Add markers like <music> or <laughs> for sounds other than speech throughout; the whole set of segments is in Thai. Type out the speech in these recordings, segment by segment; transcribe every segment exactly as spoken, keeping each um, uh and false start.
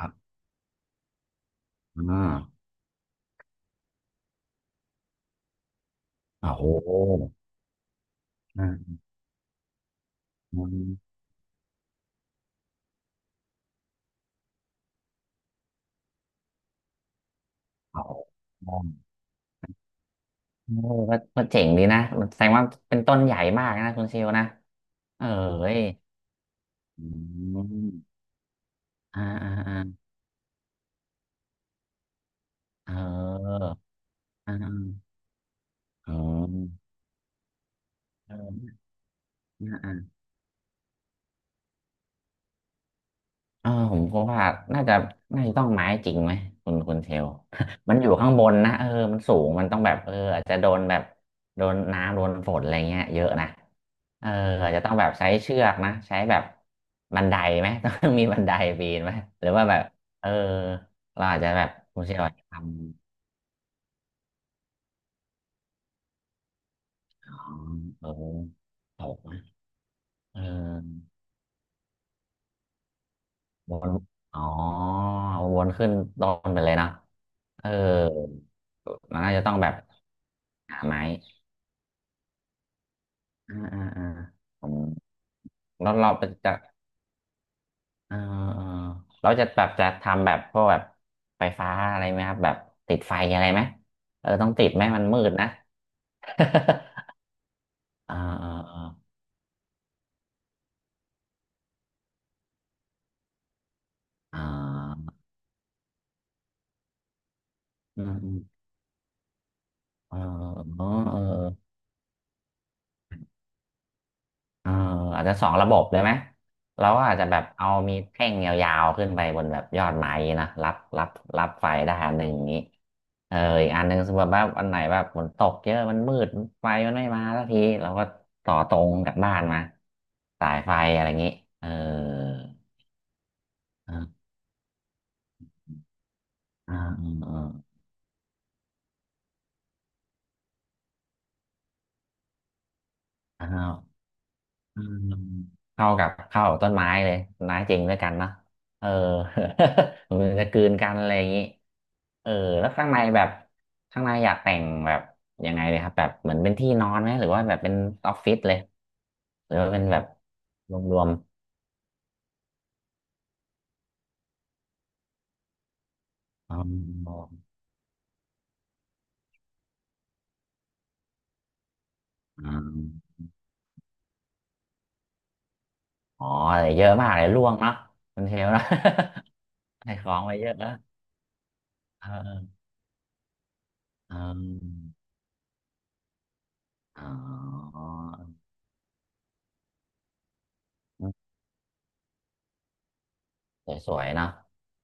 ครับอ่าอ่าโอ้โหอ่าอืมโอ้โหเออก็ก็เจ๋งดีนะ แสดงว่าเป็นต้นใหญ่มากนะคุณเชลนะเออเอ้ยอืมอ่าอ่าอ่าเอออ่าอ่าเออเออ เออผมก็ว่าน่าจะน่าจะต้องไม้จริงไหมคุณคุณเชล <laughs> มันอยู่ข้างบนนะเออมันสูงมันต้องแบบเอออาจจะโดนแบบโดนน้ำโดนฝนอะไรเงี้ยเยอะนะเอออาจจะต้องแบบใช้เชือกนะใช้แบบบันไดไหม <laughs> ต้องมีบันไดปีนไหมหรือว่าแบบเออเราอาจจะแบบคุณเชลอาจจะทำอ๋อเออตกนะเออ วนอ๋อวนขึ้นต้นไปเลยนะ เออมันน่าจะต้องแบบหาไม้อ่าอ่าอ่าผมเราเราจะเออเออเราจะแบบจะทำแบบพวกแบบไฟฟ้าอะไรไหมครับแบบติดไฟอะไรไหม เออ ต้องติดไหมมันมืดนะ <laughs> อ่าอ่าอ่าอ่าอืมอืมเออเออเออ เอออาจจะสองระบบเลยไหมเราก็อาจจะแบบเอามีแท่งยาวๆขึ้นไปบนแบบยอดไม้นะรับรับรับไฟได้อันหนึ่งอย่างนี้เอออีกอันหนึ่งสมมติว่าอันไหนแบบฝนตกเยอะมันมืดไฟมันไม่มาสักทีเราก็ต่อตรงจากบ้านมาสายไฟอะไรอย่างนี้เอออ่าอ่าอ่าอ่า อืมเข้ากับเข้ากับต้นไม้เลยต้นไม้จริงด้วยกันเนอะเออ <laughs> มันจะกลืนกันอะไรอย่างนี้เออแล้วข้างในแบบข้างในอยากแต่งแบบยังไงเลยครับแบบเหมือนเป็นที่นอนไหมหรือว่าแบบเป็นออฟฟิศเลยหรือว่าเป็นแบบรวมๆอ๋ออ๋ออ๋อแต่เยอะมากเลยร่วงเนาะมันเทลนะ <laughs> ใส่ของไปเยอะนะเออเอออ๋อ สวยๆเนาะ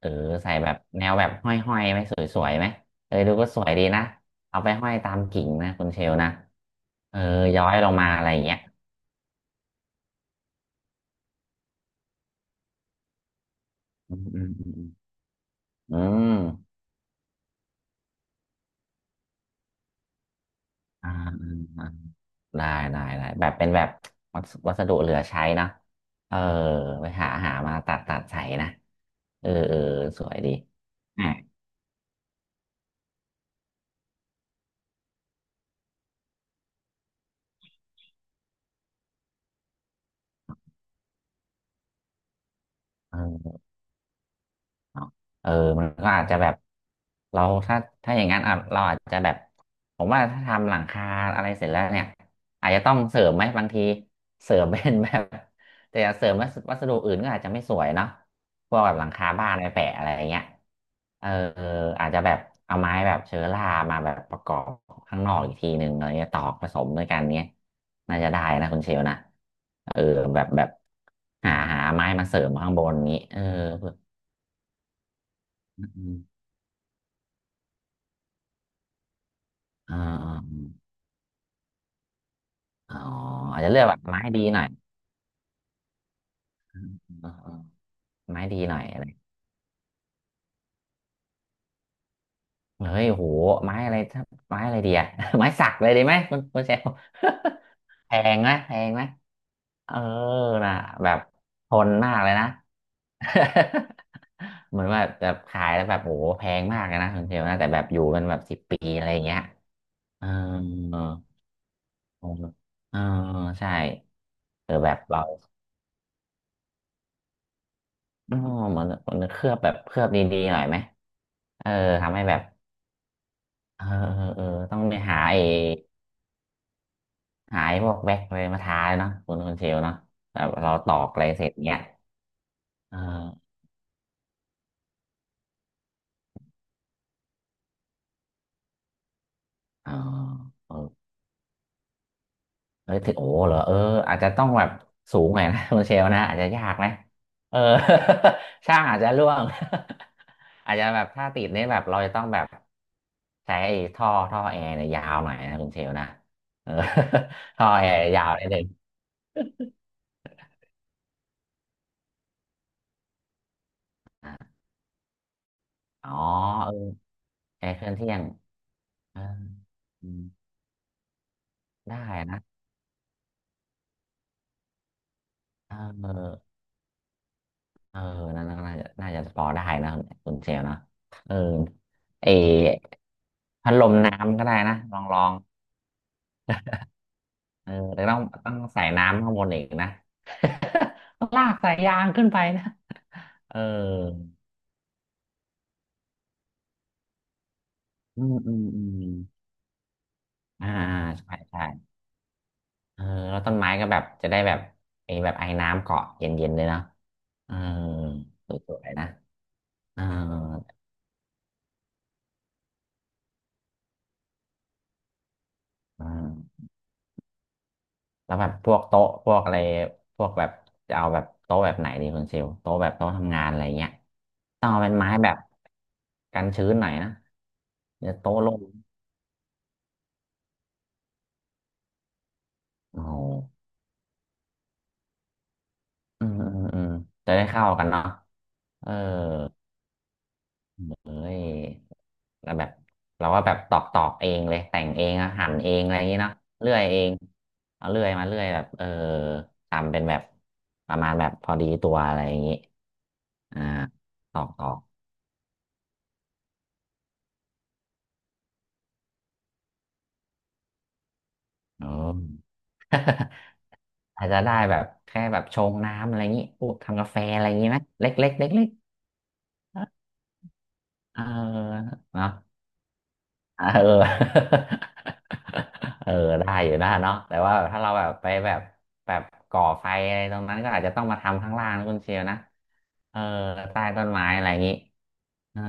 หรือใส่แบบแนวแบบห้อยๆไหมสวยๆไหมเออดูก็สวยดีนะเอาไปห้อยตามกิ่งนะคุณเชลนะเออย้อยลงมาอะไรอย่างเงี้ยอืมอืมอืมอืมอ่าอ่าอ่าได้ได้ได้แบบเป็นแบบวัสวัสดุเหลือใช้นะเออไปหาหามาตัดตัดใส่นะเออเออสวยดีอ่ะเออ เนาะเออมันก็อาจจะแบบเราถ้าถ้าอย่างนั้นอ่ะเราอาจจะแบบผมว่าถ้าทำหลังคาอะไรเสร็จแล้วเนี่ยอาจจะต้องเสริมไหมบางทีเสริมเป็นแบบแต่เสริมวัสวัสดุอื่นก็อาจจะไม่สวยเนาะพวกแบบหลังคาบ้านไปแปะอะไรอย่างเงี้ยเอออาจจะแบบเอาไม้แบบเชื้อรามาแบบประกอบข้างนอกอีกทีหนึ่งอะไรเงี้ยตอกผสมด้วยกันเนี้ยน่าจะได้นะคุณเชลนะเออแบบแบบหาหาไม้มาเสริมข้างบนนี้เออ อ่าออ๋ออาจจะเลือกแบบไม้ดีหน่อยอ่าอ่าไม้ดีหน่อยอะไรเฮ้ยโหไม้อะไรถ้าไม้อะไรดีอะ <laughs> ไม้สักเลยดีไหมคุณคุณเชล <laughs> แพงไหมแพงไหมเออนะแบบทนมากเลยนะ <laughs> เหมือนว่าแบบขายแล้วแบบโหแพงมากเลยนะคุณเชลนะ แต่แบบอยู่เป็นแบบสิบปีอะไรอย่างเงี้ยเออเออเออใช่เออแบบเรา อ๋อมันมันเคลือบแบบเคลือบดีๆหน่อยไหมเออทำให้แบบเออเออเออต้องไปหาไอ้หาไอ้พวกแว็กอะไรมาทาเลยเนาะคุณคุณเชลเนาะแบบเราตอกอะไรเสร็จเนี้ยเออเออเออเฮ้ยถึงโอ้เหรอเอออาจจะต้องแบบสูงหน่อยนะ <laughs> คุณเชลนะอาจจะยากนะเออ <laughs> ช่างอาจจะร่วง <laughs> อาจจะแบบถ้าติดเนี่ยแบบเราจะต้องแบบใช้ไอ้ท่อท่อแอร์เนี่ยยาวหน่อยนะคุณเชลนะเออ <laughs> ท่อแอร์ยาวนิดนึง อ๋อเออแอร์เครื่องเที่ยงเอออืมได้นะเออเออน่าน่าน่าจะน่าจะพอได้นะคุณเชลนะเออเออพัดลมน้ำก็ได้นะลองลองเออแต่ต้องต้องใส่น้ำข้างบนอีกนะ <laughs> ต้องลากสายยางขึ้นไปนะเอออืมอืมอืมอ่าใช่ใช่เออแล้วต้นไม้ก็แบบจะได้แบบไอ้แบบไอ้น้ำเกาะเย็นๆเลยเนาะเออสวยๆนะเออเออ แล้วแบบพวกโต๊ะพวกอะไรพวกแบบจะเอาแบบโต๊ะแบบไหนดีคุณเชลโต๊ะแบบโต๊ะทำงานอะไรเงี้ยต้องเอาเป็นไม้แบบกันชื้นหน่อยนะเดี๋ยวโต๊ะโล่งโอ้โหอืมอืมอืมจะได้เข้ากันเนาะเออเอ้ยแล้วแบบเราก็แบบตอกตอกเองเลยแต่งเองอะหั่นเองอะไรอย่างงี้เนาะเลื่อยเองเอาเลื่อยมาเลื่อยแบบเออทำเป็นแบบประมาณแบบพอดีตัวอะไรอย่างงี้อ่าตอกตอกเออ <laughs> อาจจะได้แบบแค่แบบชงน้ำอะไรอย่างนี้พวกทำกาแฟอะไรอย่างนี้ไหมเล็กเล็กเล็กเล็กๆเออเนาะเออ <laughs> เออได้อยู่นะเนาะแต่ว่าถ้าเราแบบไปแบบแบบก่อไฟอะไรตรงนั้นก็อาจจะต้องมาทำข้างล่างนะคุณเชยวนะเออใต้ต้นไม้อะไรอย่างนี้เออ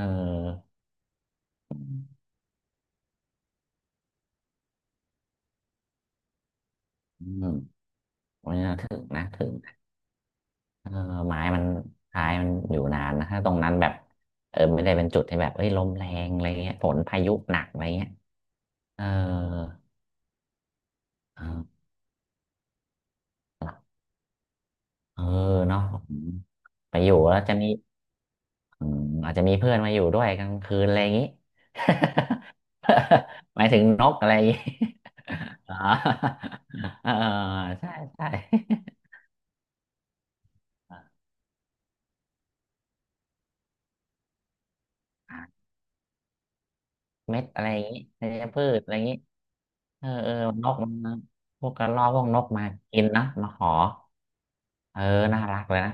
อืมวันนี้ถึงนะถึงนะเออไม้มันท้ายมันอยู่นานนะถ้าตรงนั้นแบบเออไม่ได้เป็นจุดที่แบบเอ้ยลมแรงอะไรเงี้ยฝนพายุหนักอะไรเงี้ย เออเออเออเนาะอืมไปอยู่แล้วจะมีอืมอาจจะมีเพื่อนมาอยู่ด้วยกลางคืนอะไรอย่างนี้ <laughs> หมายถึงนกอะไรอย่างนี้ <laughs> อ๋อ <laughs> เออใช่ใช่ <laughs> เม็ดอะไรอย่างนี้ธัญพืชอะไรอย่างนี้เออเออนกมันพวกกระรอกพวกนกมากินนะมาขอเออน่ารักเลยนะ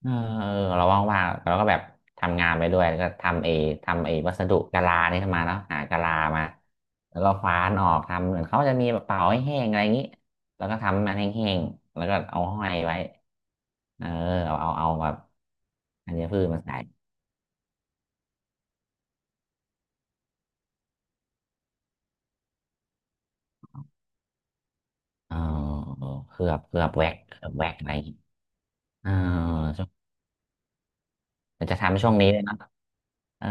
เออเออเราว่างๆเราก็แบบทำงานไปด้วยแล้วก็ทำเอทำเอวัสดุกะลานี่ขึ้นมาเนาะหากะลามาแล้วก็ฟ้านออกทำเหมือนเขาจะมีแบบเป่าให้แห้งอะไรอย่างนี้แล้วก็ทำมันแห้งๆแล้วก็เอาห้อยไว้เออเอาเอาเอาแบบอันนี้พืชมาใส่เออเคลือบเคลือบแว็กเคลือบแว็กอะไรอย่างนี้เออช่วงจะทำช่วงนี้เลยเนาะเออ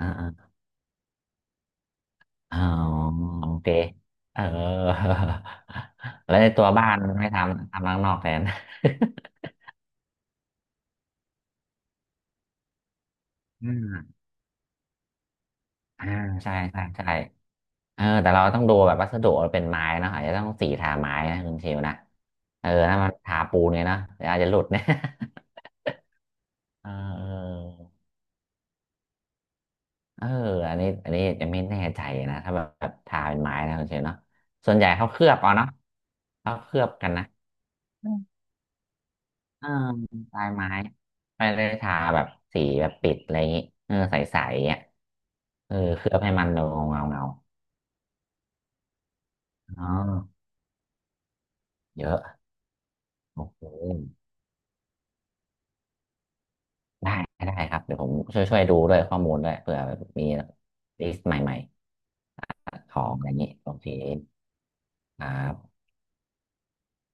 อ่า อ๋อโอเคเออ <laughs> แล้วในตัวบ้านไม่ทำทำข้างนอกแทน <laughs> อ่าอ่าใช่ใช่ใช่เออแต่เราต้องดูแบบวัสดุเราเป็นไม้เนอะอาจจะต้องสีทาไม้นะคุณเชลนะเออถ้ามันทาปูนเนี่ยเนอะเดี๋ยวอาจจะหลุดเนี่ย <laughs> เออเอออันนี้อันนี้จะไม่แน่ใจนะถ้าแบบทาเป็นไม้นะคุณเชลเนาะส่วนใหญ่เขาเคลือบเอาเนาะเขาเคลือบกันนะ เออปลายไม้ไม่ได้ทาแบบสีแบบปิดอะไรอย่างงี้เออใสๆอ่ะเออเคลือบให้มันเงาเงาเงาๆอ๋อเยอะโอเคได้ได้ครับเดี๋ยวผมช่วยช่วยดูด้วยข้อมูลด้วยเผื่อมีลิสต์ใหม่ๆของอะไรอย่างงี้โอเคครับ